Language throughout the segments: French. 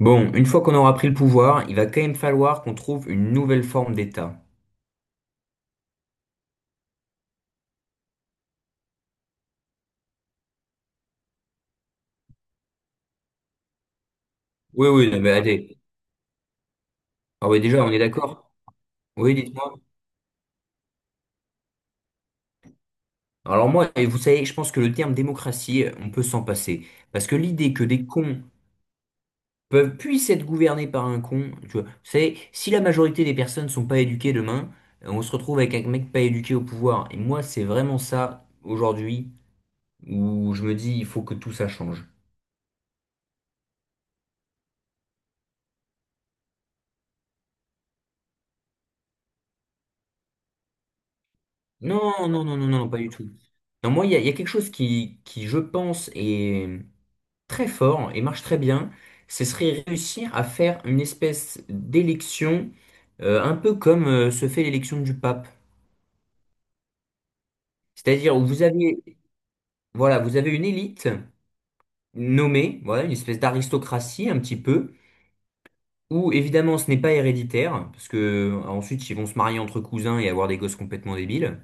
Bon, une fois qu'on aura pris le pouvoir, il va quand même falloir qu'on trouve une nouvelle forme d'État. Oui, oui, non, mais allez. Ah oui, déjà, on est d'accord? Oui, dites-moi. Alors moi, et vous savez, je pense que le terme démocratie, on peut s'en passer. Parce que l'idée que des cons peuvent, puissent être gouvernés par un con, tu vois, vous savez, si la majorité des personnes sont pas éduquées demain, on se retrouve avec un mec pas éduqué au pouvoir. Et moi, c'est vraiment ça, aujourd'hui, où je me dis, il faut que tout ça change. Non, non, non, non, non, pas du tout. Non, moi, il y a quelque chose qui, je pense, est très fort et marche très bien. Ce serait réussir à faire une espèce d'élection, un peu comme se fait l'élection du pape. C'est-à-dire où vous avez, voilà, vous avez une élite nommée, voilà, une espèce d'aristocratie un petit peu, où évidemment ce n'est pas héréditaire, parce que ensuite ils vont se marier entre cousins et avoir des gosses complètement débiles,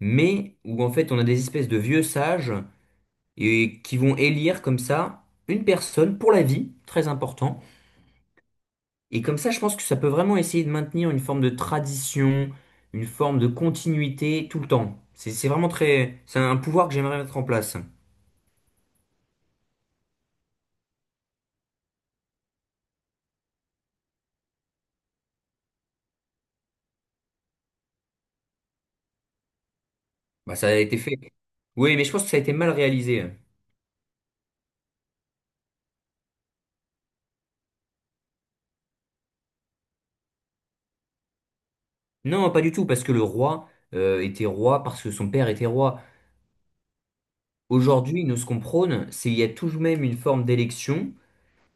mais où en fait on a des espèces de vieux sages et qui vont élire comme ça une personne pour la vie, très important. Et comme ça, je pense que ça peut vraiment essayer de maintenir une forme de tradition, une forme de continuité tout le temps. C'est vraiment très, c'est un pouvoir que j'aimerais mettre en place. Bah, ça a été fait. Oui, mais je pense que ça a été mal réalisé. Non, pas du tout, parce que le roi était roi parce que son père était roi. Aujourd'hui, nous, ce qu'on prône, c'est il y a tout de même une forme d'élection.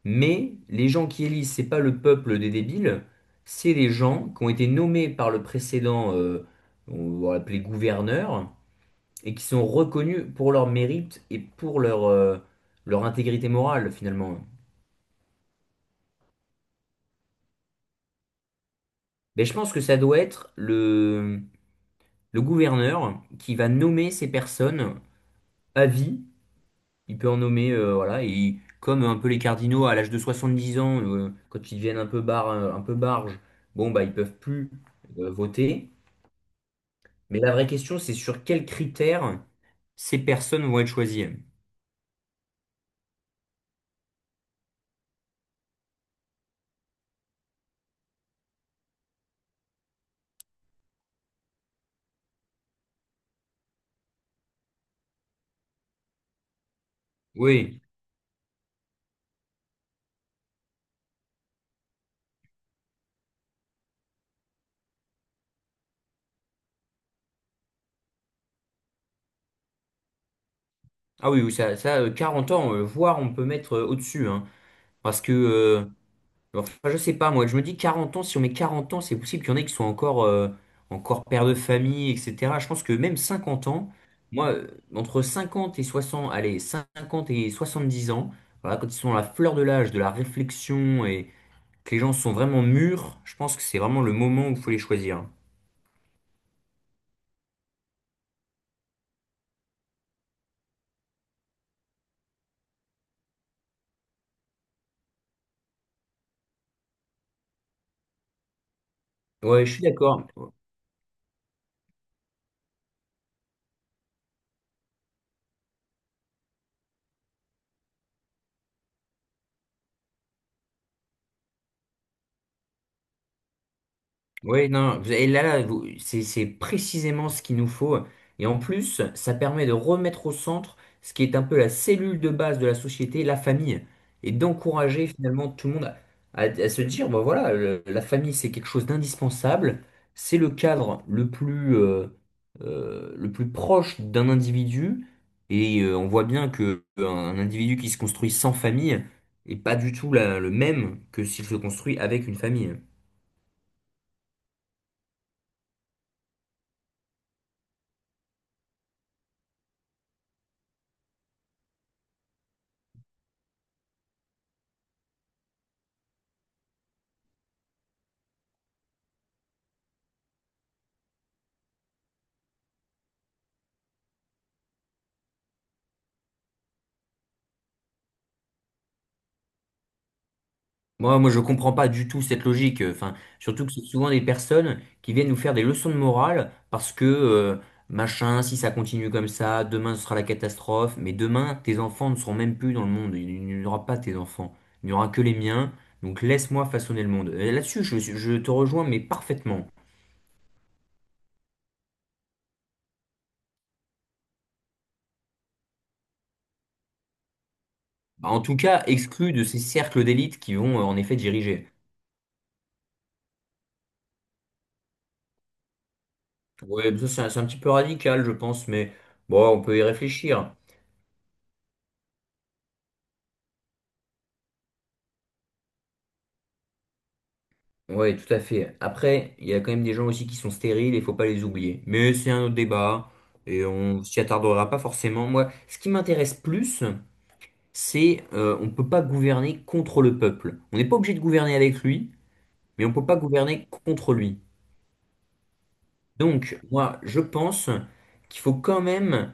Mais les gens qui élisent, c'est pas le peuple des débiles, c'est les gens qui ont été nommés par le précédent, on va l'appeler gouverneur, et qui sont reconnus pour leur mérite et pour leur, leur intégrité morale finalement. Mais je pense que ça doit être le gouverneur qui va nommer ces personnes à vie. Il peut en nommer, voilà, et comme un peu les cardinaux à l'âge de 70 ans, quand ils deviennent un peu bar, un peu barges, bon bah ils peuvent plus voter. Mais la vraie question, c'est sur quels critères ces personnes vont être choisies. Oui. Ah oui, oui, ça, 40 ans, voire on peut mettre au-dessus, hein. parce que, euh, enfin, je sais pas, moi, je me dis 40 ans, si on met 40 ans, c'est possible qu'il y en ait qui sont encore, encore père de famille, etc. Je pense que même 50 ans, moi, entre 50 et 60, allez, 50 et 70 ans, voilà, quand ils sont à la fleur de l'âge, de la réflexion et que les gens sont vraiment mûrs, je pense que c'est vraiment le moment où il faut les choisir. Ouais, je suis d'accord. Oui, non, et là, là, c'est précisément ce qu'il nous faut. Et en plus, ça permet de remettre au centre ce qui est un peu la cellule de base de la société, la famille, et d'encourager finalement tout le monde à, à se dire, bah voilà, la famille, c'est quelque chose d'indispensable, c'est le cadre le plus proche d'un individu, et on voit bien que un individu qui se construit sans famille n'est pas du tout le même que s'il se construit avec une famille. Moi, je comprends pas du tout cette logique. Enfin, surtout que c'est souvent des personnes qui viennent nous faire des leçons de morale parce que machin, si ça continue comme ça, demain ce sera la catastrophe. Mais demain, tes enfants ne seront même plus dans le monde. Il n'y aura pas tes enfants. Il n'y aura que les miens. Donc laisse-moi façonner le monde. Et là-dessus, je te rejoins, mais parfaitement. Bah, en tout cas, exclu de ces cercles d'élite qui vont en effet diriger. Ouais, ça c'est un petit peu radical, je pense, mais bon, on peut y réfléchir. Ouais, tout à fait. Après, il y a quand même des gens aussi qui sont stériles et faut pas les oublier. Mais c'est un autre débat et on s'y attardera pas forcément. Moi, ce qui m'intéresse plus, c'est on peut pas gouverner contre le peuple. On n'est pas obligé de gouverner avec lui, mais on peut pas gouverner contre lui. Donc, moi, je pense qu'il faut quand même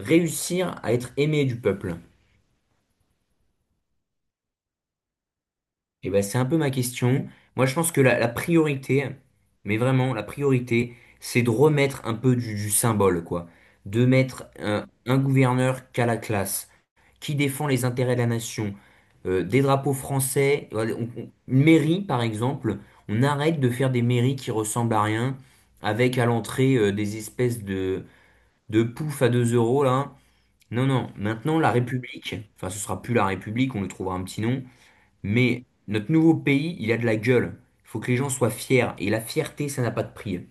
réussir à être aimé du peuple. Et ben, c'est un peu ma question. Moi, je pense que la priorité, mais vraiment, la priorité, c'est de remettre un peu du symbole, quoi. De mettre un gouverneur qui a la classe, qui défend les intérêts de la nation, des drapeaux français, voilà, une mairie, par exemple. On arrête de faire des mairies qui ressemblent à rien, avec à l'entrée, des espèces de pouf à 2 euros, là. Non, non, maintenant, la République, enfin, ce sera plus la République, on lui trouvera un petit nom. Mais notre nouveau pays, il a de la gueule. Il faut que les gens soient fiers. Et la fierté, ça n'a pas de prix.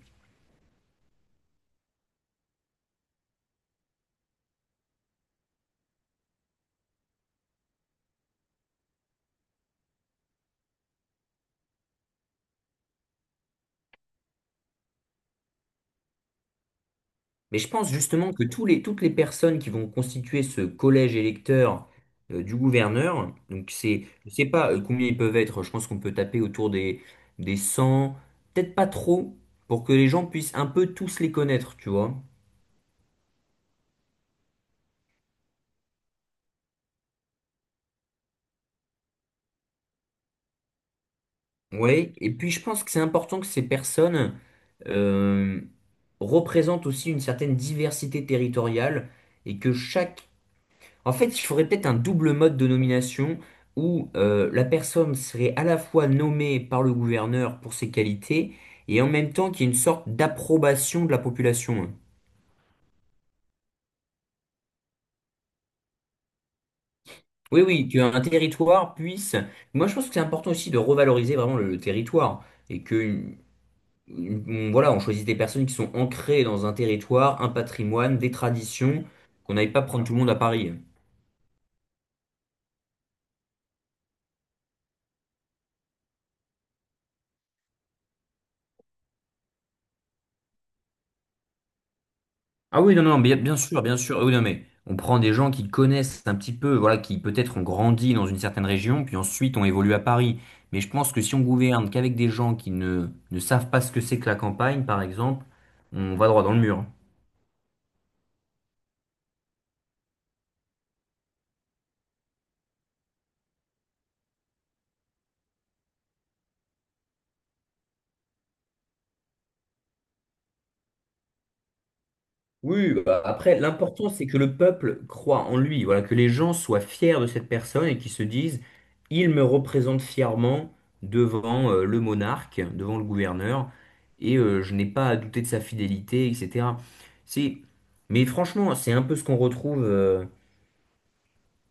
Mais je pense justement que tous les, toutes les personnes qui vont constituer ce collège électeur du gouverneur, donc c'est, je sais pas combien ils peuvent être, je pense qu'on peut taper autour des 100, peut-être pas trop, pour que les gens puissent un peu tous les connaître, tu vois. Ouais, et puis je pense que c'est important que ces personnes euh, représentent aussi une certaine diversité territoriale et que chaque. En fait, il faudrait peut-être un double mode de nomination où la personne serait à la fois nommée par le gouverneur pour ses qualités et en même temps qu'il y ait une sorte d'approbation de la population. Oui, oui, qu'un territoire puisse... Moi, je pense que c'est important aussi de revaloriser vraiment le territoire et que, voilà, on choisit des personnes qui sont ancrées dans un territoire, un patrimoine, des traditions, qu'on n'aille pas prendre tout le monde à Paris. Ah oui, non, non, bien, bien sûr, bien sûr. Oui, non, mais on prend des gens qui connaissent un petit peu, voilà, qui peut-être ont grandi dans une certaine région, puis ensuite ont évolué à Paris. Mais je pense que si on gouverne qu'avec des gens qui ne savent pas ce que c'est que la campagne, par exemple, on va droit dans le mur. Oui, oui, bah, après, l'important, c'est que le peuple croit en lui, voilà, que les gens soient fiers de cette personne et qu'ils se disent, il me représente fièrement devant le monarque, devant le gouverneur, et je n'ai pas à douter de sa fidélité, etc. C'est... Mais franchement, c'est un peu ce qu'on retrouve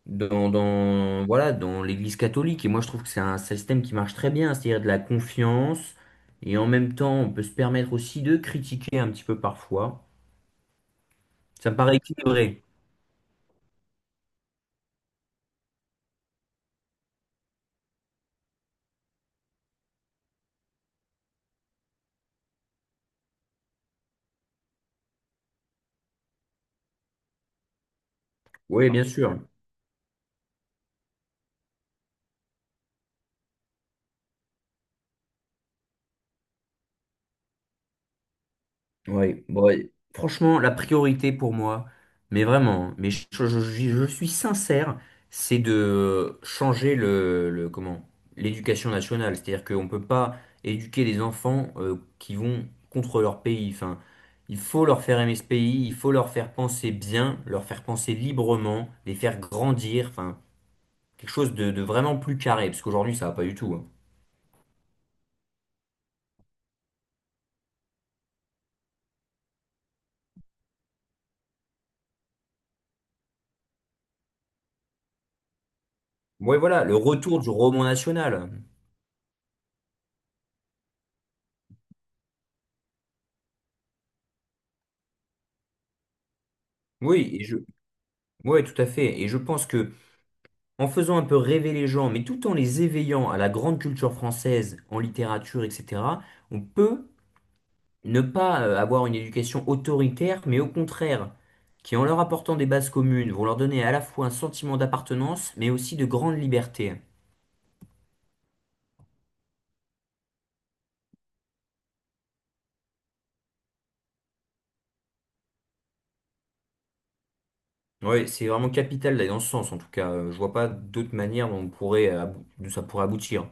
dans, dans, voilà, dans l'Église catholique, et moi je trouve que c'est un système qui marche très bien, c'est-à-dire de la confiance, et en même temps, on peut se permettre aussi de critiquer un petit peu parfois. Ça me paraît équilibré. Oui, bien sûr. Oui. Bon, et franchement, la priorité pour moi, mais vraiment, hein, mais je suis sincère, c'est de changer comment, l'éducation nationale. C'est-à-dire qu'on ne peut pas éduquer des enfants qui vont contre leur pays. Enfin, il faut leur faire aimer ce pays, il faut leur faire penser bien, leur faire penser librement, les faire grandir. Enfin, quelque chose de vraiment plus carré, parce qu'aujourd'hui, ça va pas du tout. Oui, voilà, le retour du roman national. Oui, et je- Ouais, tout à fait. Et je pense que en faisant un peu rêver les gens, mais tout en les éveillant à la grande culture française, en littérature, etc., on peut ne pas avoir une éducation autoritaire, mais au contraire, qui en leur apportant des bases communes, vont leur donner à la fois un sentiment d'appartenance, mais aussi de grande liberté. Ouais, c'est vraiment capital d'aller dans ce sens. En tout cas, je vois pas d'autre manière dont on pourrait, d'où ça pourrait aboutir.